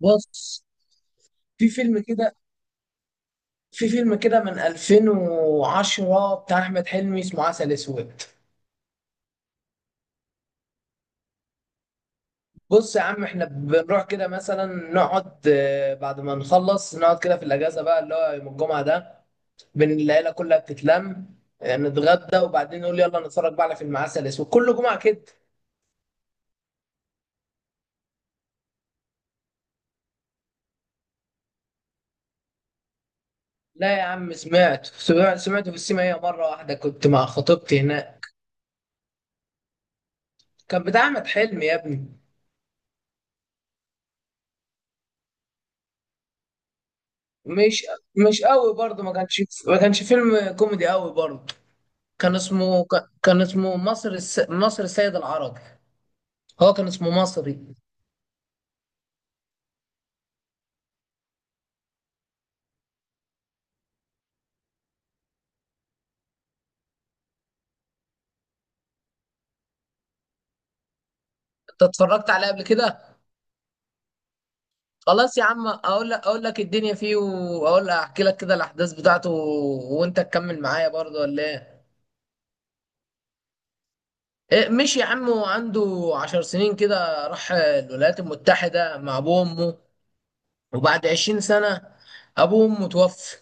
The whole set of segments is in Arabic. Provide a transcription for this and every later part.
بص. في فيلم كده في فيلم كده من 2010 بتاع احمد حلمي اسمه عسل اسود. بص يا عم احنا بنروح كده مثلا نقعد آه، بعد ما نخلص نقعد كده في الاجازه بقى اللي هو يوم الجمعه ده بين العيله كلها بتتلم. نتغدى وبعدين نقول يلا نتفرج بقى على فيلم عسل اسود كل جمعه كده. لا يا عم سمعته في السينما هي مره واحده كنت مع خطيبتي هناك. كان بتاع احمد حلمي يا ابني. مش مش قوي برضه، ما كانش فيلم كوميدي قوي برضه. كان اسمه مصر السيد العربي. هو كان اسمه مصري. انت اتفرجت عليه قبل كده؟ خلاص يا عم اقول لك الدنيا فيه، واقول لك احكي لك كده الاحداث بتاعته وانت تكمل معايا برضه ولا ايه؟ مش يا عم، وعنده 10 سنين كده راح الولايات المتحدة مع ابوه وامه، وبعد 20 سنة ابوه وامه توفى.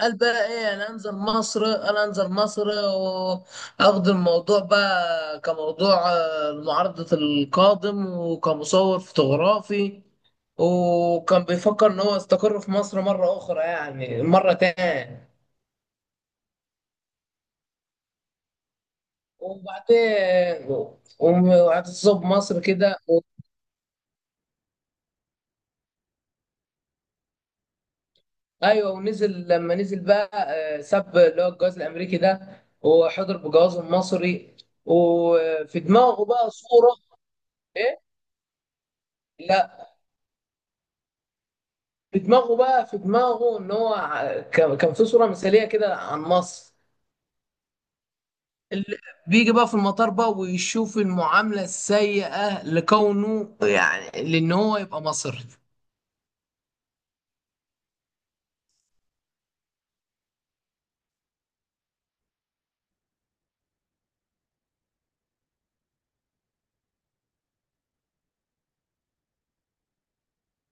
قال بقى ايه؟ انا انزل مصر، انا انزل مصر. واخد الموضوع بقى كموضوع معارضة القادم وكمصور فوتوغرافي، وكان بيفكر ان هو يستقر في مصر مرة اخرى يعني مرة تاني. وبعدين وهتصب مصر كده ايوه. ونزل لما نزل بقى، ساب اللي هو الجواز الامريكي ده وحضر بجوازه المصري، وفي دماغه بقى صورة. ايه؟ لا. في دماغه ان هو كان في صوره مثاليه كده عن مصر. اللي بيجي بقى في المطار بقى ويشوف المعامله السيئه لكونه يعني لان هو يبقى مصري.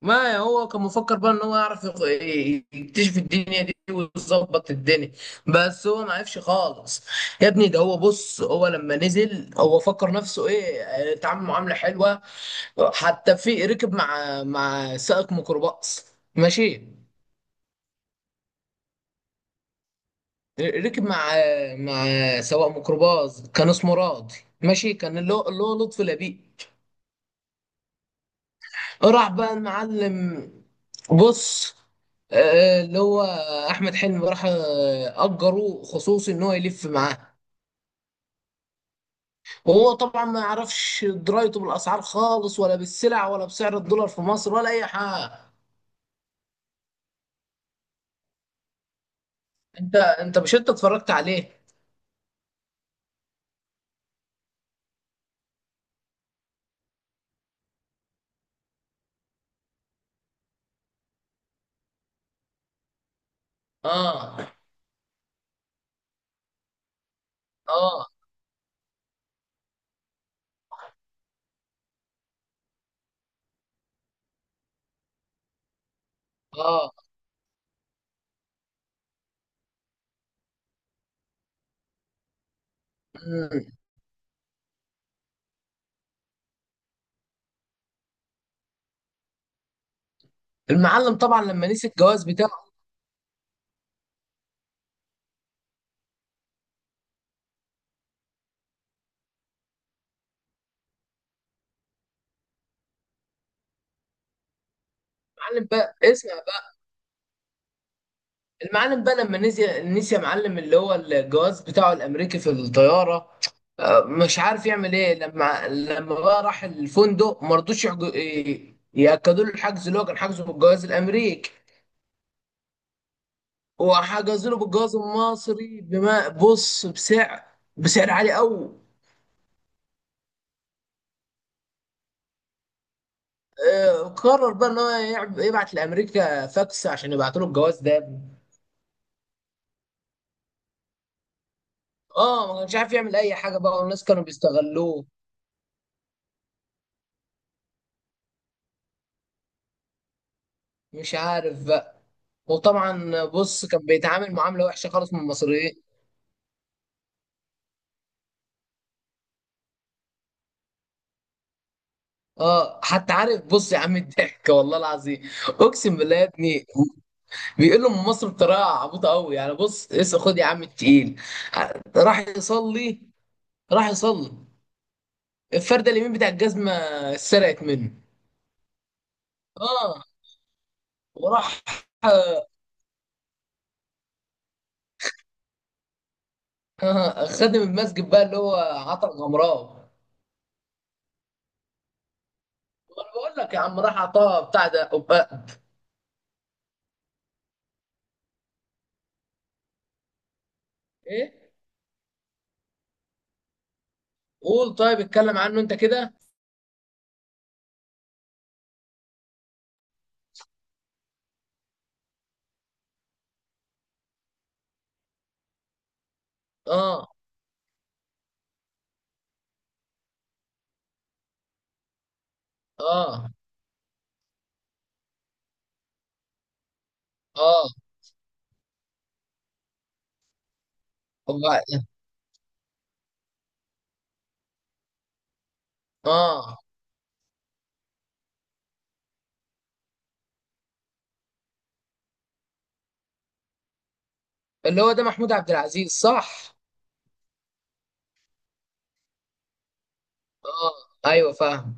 ما هو كان مفكر بقى ان هو يعرف يكتشف الدنيا دي ويظبط الدنيا، بس هو ما عرفش خالص. يا ابني ده هو، بص هو لما نزل هو فكر نفسه ايه؟ اتعامل معامله حلوه حتى. في ركب مع سائق ميكروباص، ماشي. ركب مع مع سواق ميكروباص كان اسمه راضي، ماشي، كان اللي هو لطفي لبيب. راح بقى المعلم. بص. اللي هو احمد حلمي راح اجروه خصوصي ان هو يلف معاه، وهو طبعا ما يعرفش درايته بالاسعار خالص ولا بالسلع ولا بسعر الدولار في مصر ولا اي حاجه. انت مش، انت اتفرجت عليه؟ اه. اه. اه. مم. المعلم طبعا لما نسي الجواز بتاعه. المعلم بقى اسمع. المعلم بقى لما نسي يا معلم اللي هو الجواز بتاعه الامريكي في الطياره. مش عارف يعمل ايه، لما بقى راح الفندق ما رضوش ياكدوا له الحجز اللي هو كان حاجزه بالجواز الامريكي، وحجزوا له بالجواز المصري بما بص بسعر عالي قوي. قرر بقى ان هو يبعت لامريكا فاكس عشان يبعتوا له الجواز ده. اه، ما كانش عارف يعمل اي حاجه بقى، والناس كانوا بيستغلوه. مش عارف. وطبعا بص كان بيتعامل معامله وحشه خالص من المصريين. اه، حتى عارف، بص يا عم الضحك والله العظيم. اقسم بالله يا ابني، بيقول له من مصر بطريقه عبيطه قوي، يعني بص اسا خد يا عم التقيل. راح يصلي، راح يصلي. الفرده اليمين بتاع الجزمه اتسرقت منه. اه. وراح. آه خادم المسجد بقى اللي هو عطا غمراوي. انا بقول لك يا عم راح عطاه بتاع ده ايه. قول طيب، اتكلم عنه انت كده. اه. اه. اه. هو اه اللي هو ده محمود عبد العزيز صح؟ اه. ايوه فاهم.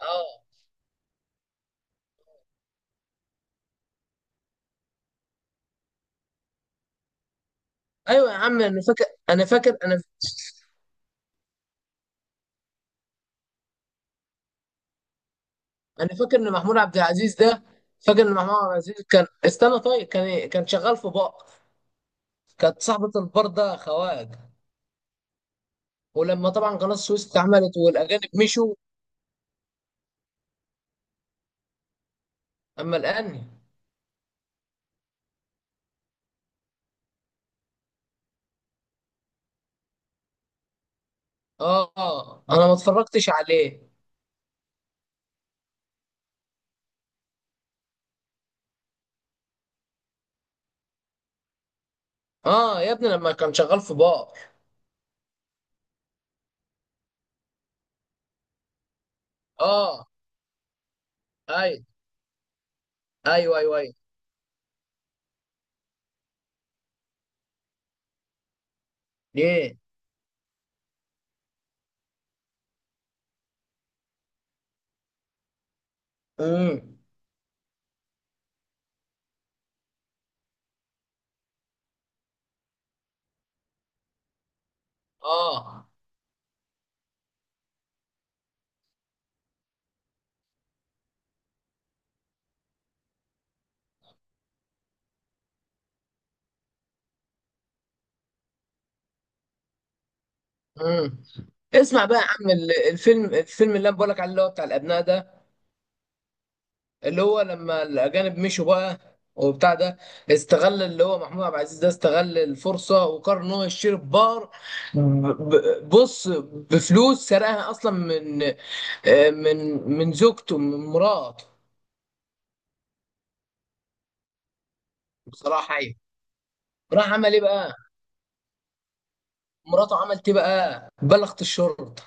اه. ايوه يا عم انا فاكر. انا فاكر انا. انا فاكر ان محمود عبد العزيز ده. فاكر ان محمود عبد العزيز كان استنى، طيب كان إيه؟ كان شغال في بار. كانت صاحبة البار ده خواج. ولما طبعا قناة السويس اتعملت والاجانب مشوا. اما الان. اه. انا ما اتفرجتش عليه. اه يا ابني لما كان شغال في بار. اه. ايوه، ايوه، ايوه. ايوه. ليه. امم. اه. امم. اسمع بقى يا عم الفيلم اللي انا بقولك عليه اللي هو بتاع الابناء ده، اللي هو لما الاجانب مشوا بقى وبتاع ده، استغل اللي هو محمود عبد العزيز ده استغل الفرصه وقرر ان هو يشتري بار. بص، بفلوس سرقها اصلا من من زوجته، من مراته. بصراحه ايوه. راح عمل ايه بقى؟ مراته عملت ايه بقى؟ بلغت الشرطه.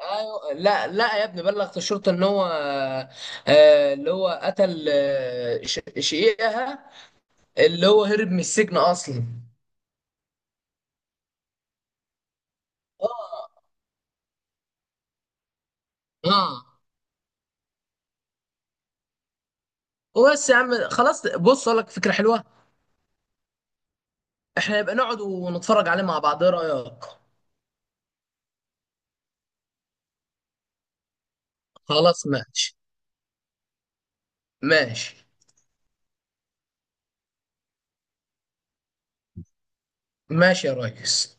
ايوه، لا لا يا ابني بلغت الشرطه ان هو اللي هو قتل شقيقها اللي هو هرب من السجن اصلا. اه. اه. وبس يا عم خلاص، بص اقول لك فكره حلوه. احنا نبقى نقعد ونتفرج عليه مع بعض، ايه رايك؟ خلاص ماشي. ماشي. ماشي يا ريس.